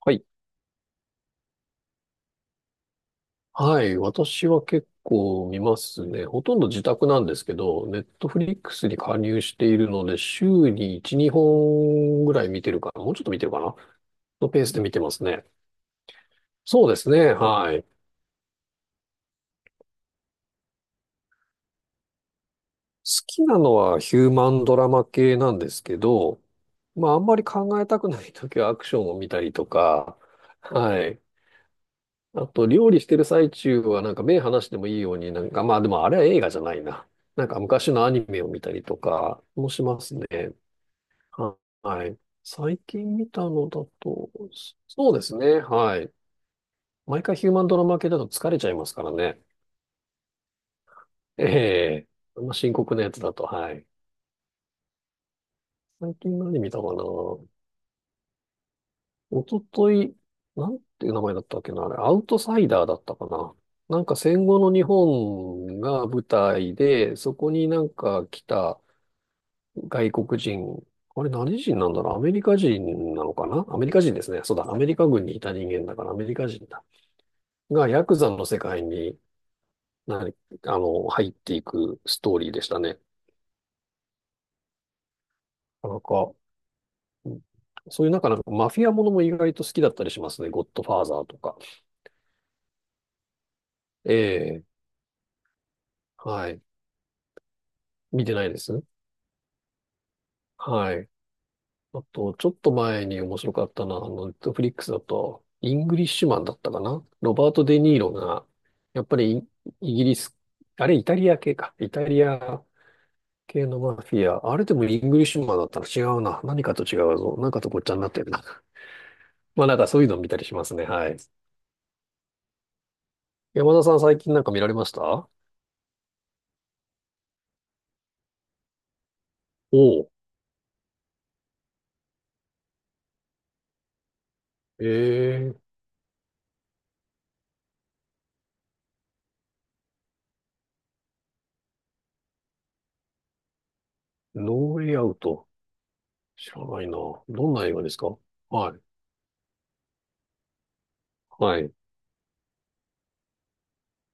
はい。はい。私は結構見ますね。ほとんど自宅なんですけど、ネットフリックスに加入しているので、週に1、2本ぐらい見てるかな。もうちょっと見てるかな。のペースで見てますね。そうですね。はい。好きなのはヒューマンドラマ系なんですけど、まあ、あんまり考えたくないときはアクションを見たりとか、はい。あと、料理してる最中は、なんか目離してもいいように、なんか、まあでもあれは映画じゃないな。なんか昔のアニメを見たりとかもしますね。ははい。最近見たのだと、そうですね。はい。毎回ヒューマンドラマ系だと疲れちゃいますからね。ええ、あんま深刻なやつだと、はい。最近何見たかな。おととい、なんていう名前だったっけな、あれ、アウトサイダーだったかな。なんか戦後の日本が舞台で、そこになんか来た外国人、あれ何人なんだろう、アメリカ人なのかな、アメリカ人ですね。そうだ、アメリカ軍にいた人間だからアメリカ人だ。が、ヤクザの世界に、なに、あの、入っていくストーリーでしたね。なんか、うん、そういうなんかマフィアものも意外と好きだったりしますね。ゴッドファーザーとか。ええ、はい。見てないです。はい。あと、ちょっと前に面白かったのは、あの、ネットフリックスだと、イングリッシュマンだったかな、ロバート・デ・ニーロが、やっぱりイギリス、あれ、イタリア系か。イタリア系のマフィア。あれでもイングリッシュマンだったら違うな。何かと違うぞ。なんかとごっちゃになってるな。まあなんかそういうの見たりしますね。はい。山田さん最近なんか見られました？おう。えー、ノーウェイアウト。知らないな。どんな映画ですか？はい。はい。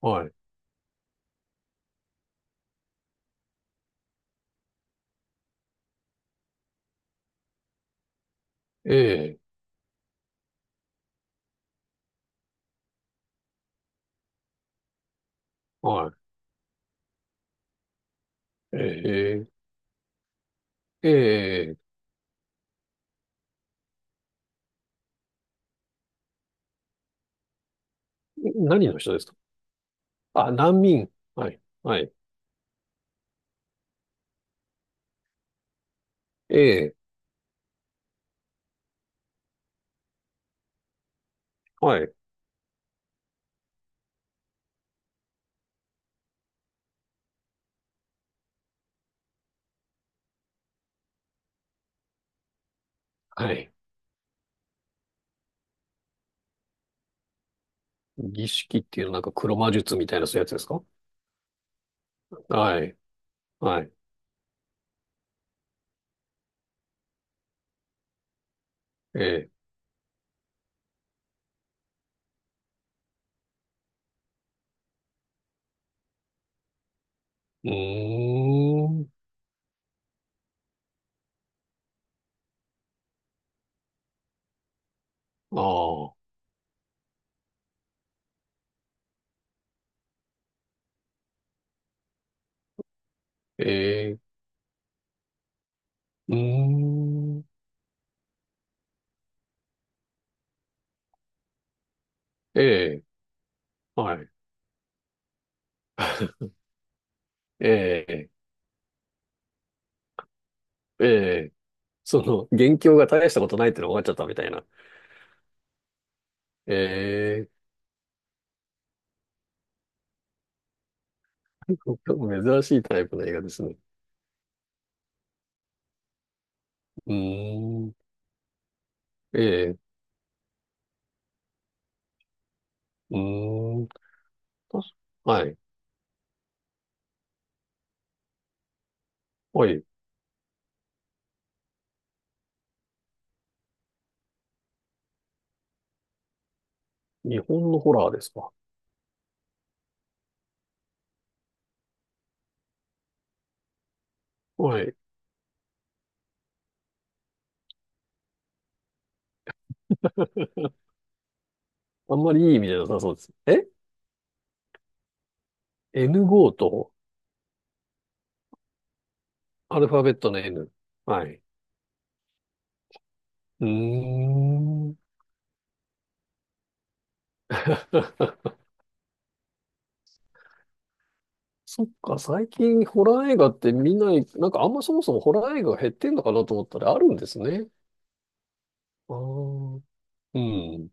はい。ええ。はい。ええ、ええ、何の人ですか？あ、難民。はい、はい。ええ、はい、はい。儀式っていうなんか黒魔術みたいなそういうやつですか？はい、はい。ええ、うーん。ああ、ええ、うーん。ええ、はい。ええ、ええ、その、元凶が大したことないってのが分かっちゃったみたいな。ええ、珍しいタイプの映画ですね。うーん。ええ、うーん。確はい。はい。日本のホラーですか？はい。あんまりいい意味じゃなさそうです。え ?N5 と、アルファベットの N。はい。うーん。そっか、最近ホラー映画って見ない、なんかあんまそもそもホラー映画が減ってんのかなと思ったらあるんですね。ああ、うん。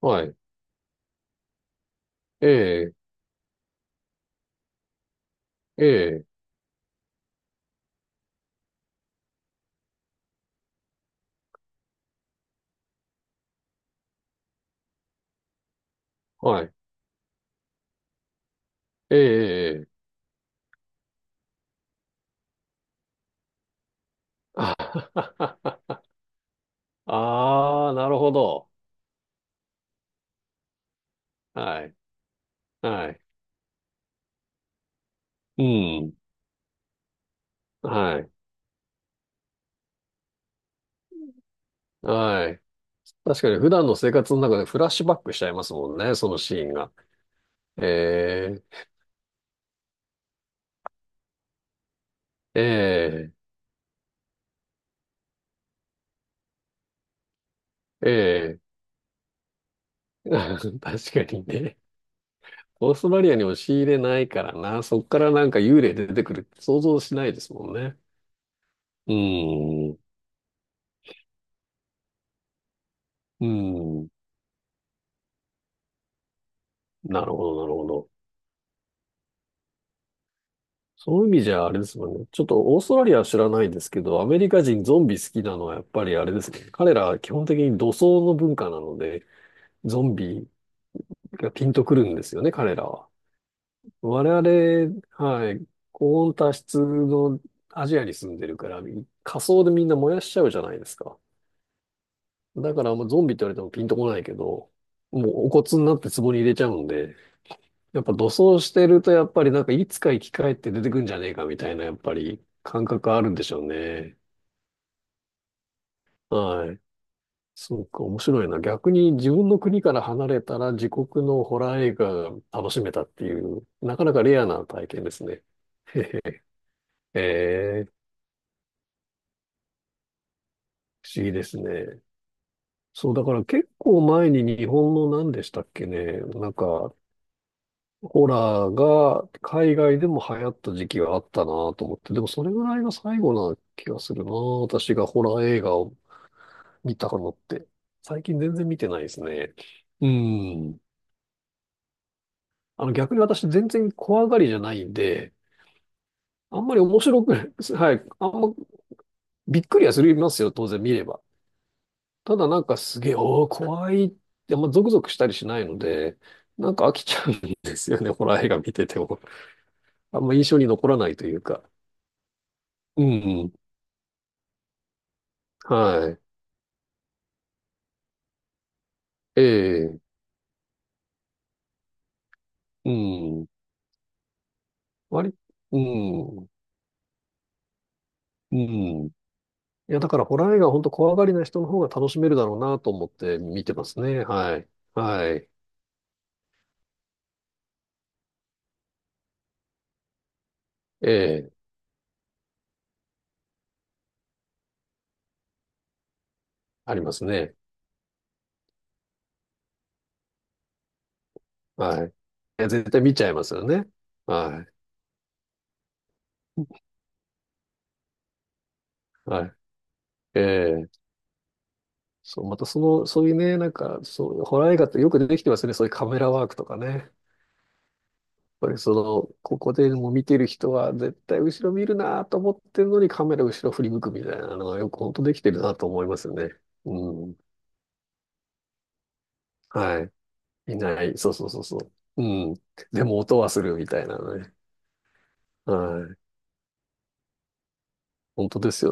はい。ええ、ええ、はい。ええ、ええ。あはははあー、なるほど。はい。はい。うん。はい。はい。確かに普段の生活の中でフラッシュバックしちゃいますもんね、そのシーンが。えー、えー、え確かにね。オーストラリアに押し入れないからな、そっからなんか幽霊出てくるって想像しないですもんね。うーん、うーん、なるほど、なるほど。そういう意味じゃあれですもんね。ちょっとオーストラリアは知らないですけど、アメリカ人ゾンビ好きなのはやっぱりあれですね。彼らは基本的に土葬の文化なので、ゾンビがピンとくるんですよね、彼らは。我々、はい、高温多湿のアジアに住んでるから、火葬でみんな燃やしちゃうじゃないですか。だから、もうゾンビって言われてもピンとこないけど、もうお骨になって壺に入れちゃうんで、やっぱ土葬してると、やっぱりなんかいつか生き返って出てくんじゃねえかみたいな、やっぱり感覚あるんでしょうね。はい。そうか、面白いな。逆に自分の国から離れたら自国のホラー映画が楽しめたっていう、なかなかレアな体験ですね。ええ、不思議ですね。そう、だから結構前に日本の何でしたっけね、なんか、ホラーが海外でも流行った時期があったなと思って、でもそれぐらいが最後な気がするな、私がホラー映画を見たのって。最近全然見てないですね。うん。あの、逆に私全然怖がりじゃないんで、あんまり面白くない。はい。あんまびっくりはするますよ、当然見れば。ただなんかすげえ、おー、怖いって、あんまゾクゾクしたりしないので、なんか飽きちゃうんですよね、ホラー映画見てても。あんま印象に残らないというか。うん、はい。ええ、うん。割、うん、うん。いや、だからホラー映画は本当怖がりな人の方が楽しめるだろうなと思って見てますね。はい。はい。ええ、ありますね。はい。いや、絶対見ちゃいますよね。はい。はい。ええ、そう、またその、そういうね、なんか、そう、ホラー映画ってよくできてますよね。そういうカメラワークとかね。やっぱりその、ここでも見てる人は絶対後ろ見るなと思ってるのにカメラ後ろ振り向くみたいなのがよく本当できてるなと思いますよね。うん。はい。いない。そうそうそうそう。うん。でも音はするみたいなね。はい。本当ですよ